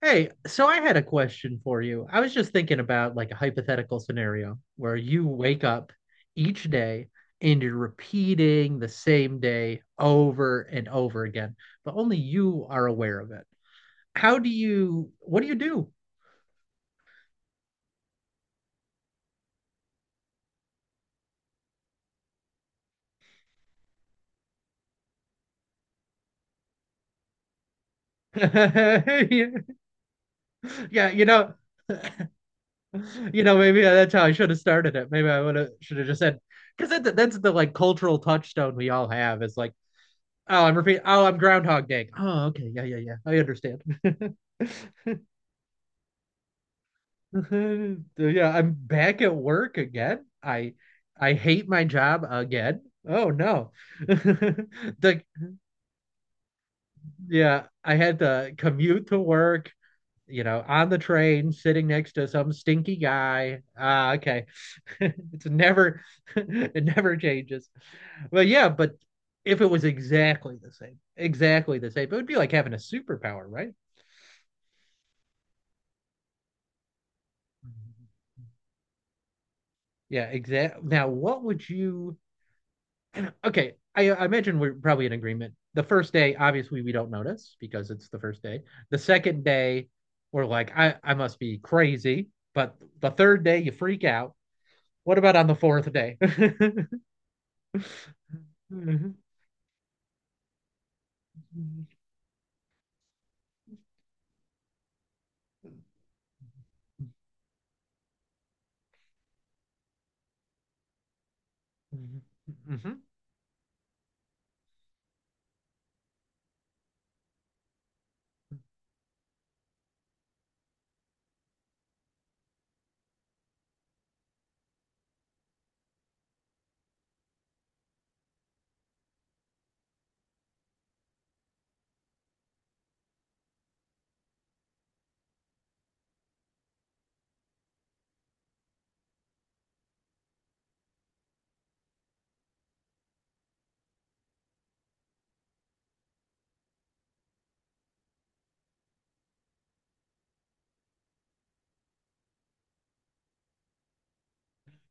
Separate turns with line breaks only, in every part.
Hey, so I had a question for you. I was just thinking about like a hypothetical scenario where you wake up each day and you're repeating the same day over and over again, but only you are aware of it. How do you, what do you do? Yeah, you know, maybe that's how I should have started it. Maybe I would have should have just said, because that's the like cultural touchstone we all have is like, oh, I'm repeating, oh, I'm Groundhog Day. Oh, okay, yeah, yeah, yeah, I understand. Yeah, I'm back at work again. I hate my job again. Oh no. The yeah, I had to commute to work, you know, on the train, sitting next to some stinky guy. Ah, okay. It's never it never changes. But yeah, but if it was exactly the same, it would be like having a superpower, right? Mhm. Yeah, exact. Now, what would you okay, I imagine we're probably in agreement. The first day, obviously, we don't notice because it's the first day. The second day, we're like, I must be crazy. But the third day, you freak out. What about on the fourth day? hmm.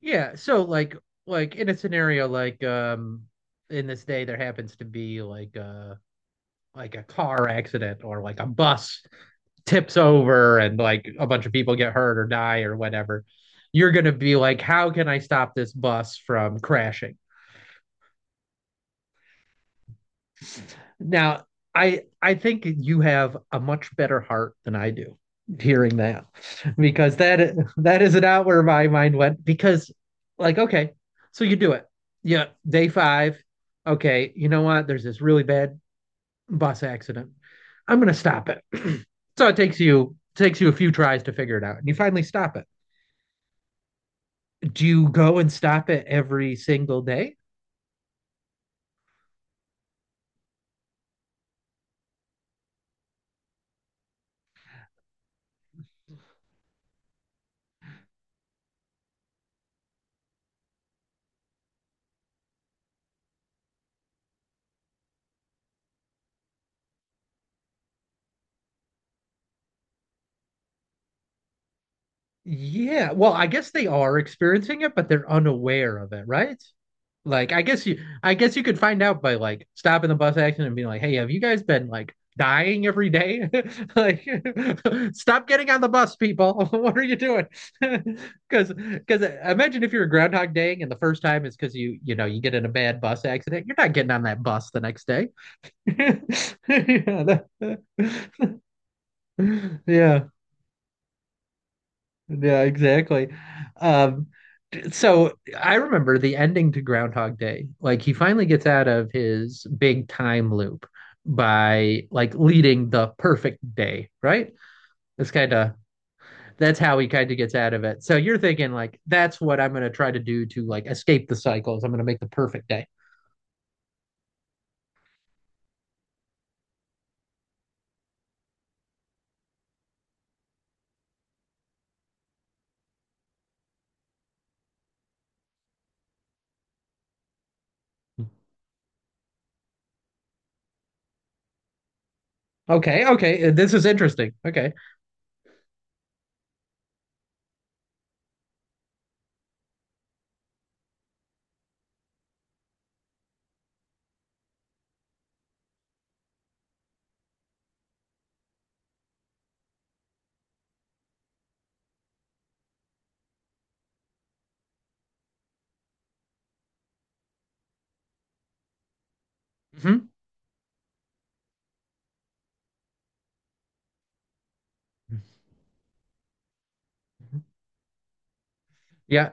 Yeah, so like in a scenario like in this day there happens to be like a car accident or like a bus tips over and like a bunch of people get hurt or die or whatever, you're going to be like, how can I stop this bus from crashing? Now, I think you have a much better heart than I do hearing that because that is not where my mind went because like okay, so you do it, yeah, day 5, okay, you know what, there's this really bad bus accident, I'm going to stop it. so it takes you a few tries to figure it out and you finally stop it. Do you go and stop it every single day? Yeah. Well, I guess they are experiencing it, but they're unaware of it, right? Like, I guess you could find out by like stopping the bus accident and being like, "Hey, have you guys been like dying every day? Like, stop getting on the bus, people. What are you doing?" Because, imagine if you're a Groundhog Day and the first time is because you know, you get in a bad bus accident, you're not getting on that bus the next day. Yeah. That- yeah. Yeah, exactly. Um, so I remember the ending to Groundhog Day. Like he finally gets out of his big time loop by like leading the perfect day, right? It's kind of that's how he kind of gets out of it. So you're thinking like that's what I'm going to try to do to like escape the cycles. I'm going to make the perfect day. Okay, okay, this is interesting. Okay. Hmm. Yeah.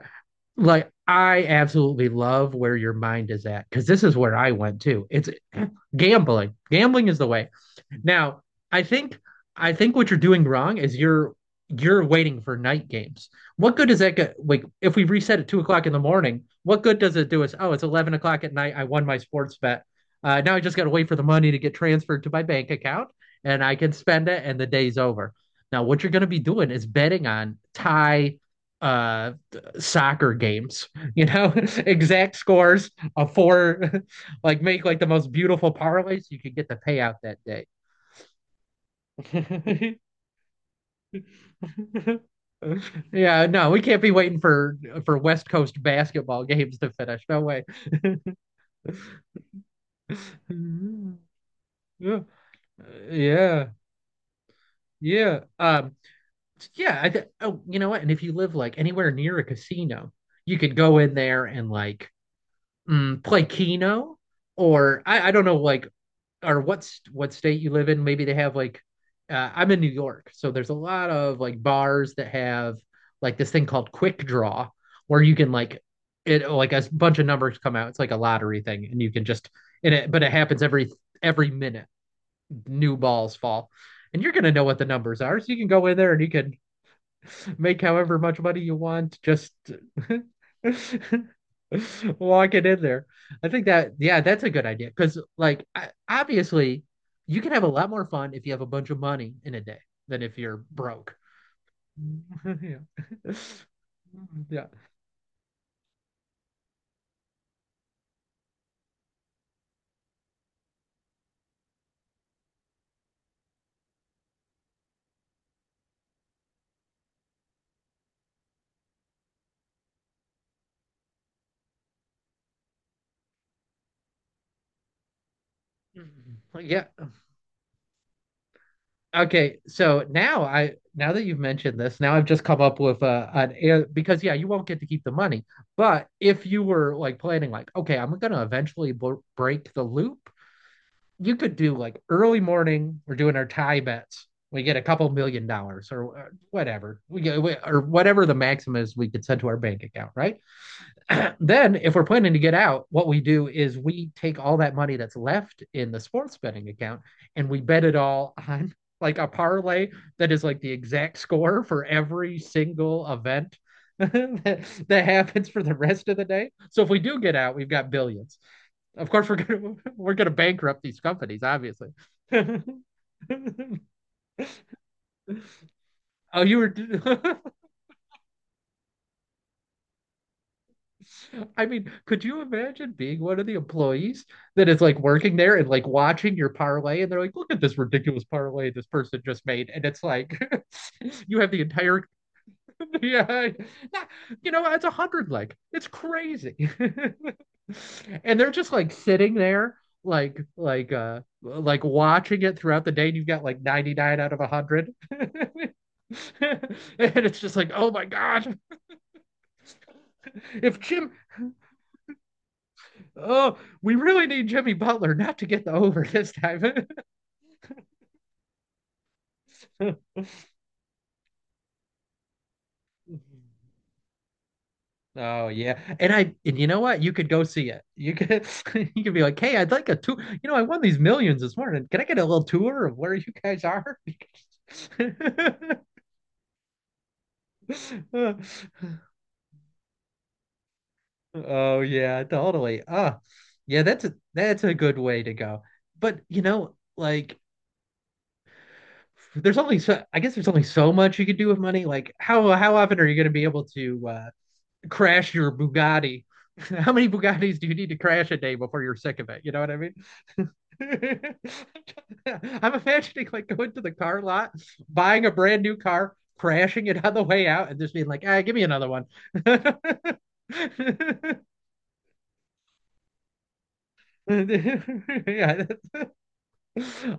Like I absolutely love where your mind is at because this is where I went to. It's gambling. Gambling is the way. Now, I think I think what you're doing wrong is you're waiting for night games. What good does that get? Like if we reset at 2 o'clock in the morning, what good does it do us? Oh, it's 11 o'clock at night. I won my sports bet. Now I just got to wait for the money to get transferred to my bank account, and I can spend it, and the day's over. Now, what you're going to be doing is betting on tie uh soccer games, you know, exact scores of four, like make like the most beautiful parlays you could get the payout that day. Yeah, no, we can't be waiting for West Coast basketball games to finish. No way. Yeah, yeah, yeah. Yeah. I th oh, you know what? And if you live like anywhere near a casino, you could go in there and like play Keno or I don't know like or what's what state you live in. Maybe they have like I'm in New York, so there's a lot of like bars that have like this thing called Quick Draw where you can like it like a bunch of numbers come out. It's like a lottery thing, and you can just and it but it happens every minute. New balls fall, and you're gonna know what the numbers are, so you can go in there and you can make however much money you want. Just walk it in there. I think that, yeah, that's a good idea. Because, like, I, obviously, you can have a lot more fun if you have a bunch of money in a day than if you're broke. Yeah. Yeah. Yeah. Okay. So now that you've mentioned this, now I've just come up with an air because yeah, you won't get to keep the money. But if you were like planning like, okay, I'm gonna eventually b break the loop, you could do like early morning. We're doing our tie bets. We get a couple $1 million or whatever we get, or whatever the maximum is we could send to our bank account, right? then, if we're planning to get out, what we do is we take all that money that's left in the sports betting account and we bet it all on like a parlay that is like the exact score for every single event that, that happens for the rest of the day. So if we do get out, we've got billions. Of course, we're gonna we're gonna bankrupt these companies, obviously. oh, you were. I mean, could you imagine being one of the employees that is like working there and like watching your parlay, and they're like, "Look at this ridiculous parlay this person just made," and it's like, you have the entire yeah, yeah, you know, it's a hundred leg. It's crazy, and they're just like sitting there like watching it throughout the day and you've got like 99 out of 100, and it's just like, oh my God, if Jim, oh, we really need Jimmy Butler not to get the over this time. oh yeah, and I, and you know what? You could go see it. You could, you could be like, hey, I'd like a tour. You know, I won these millions this morning. Can I get a little tour of where you guys are? oh yeah, totally. Ah, oh, yeah, that's a good way to go. But you know, like there's only so I guess there's only so much you could do with money. Like how often are you going to be able to crash your Bugatti? How many Bugattis do you need to crash a day before you're sick of it? You know what I mean? I'm imagining like going to the car lot, buying a brand new car, crashing it on the way out, and just being like, "Ah, give me another one." Yeah. That's-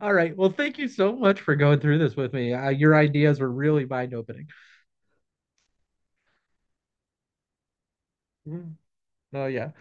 all right. Well, thank you so much for going through this with me. Your ideas were really mind-opening. Oh yeah.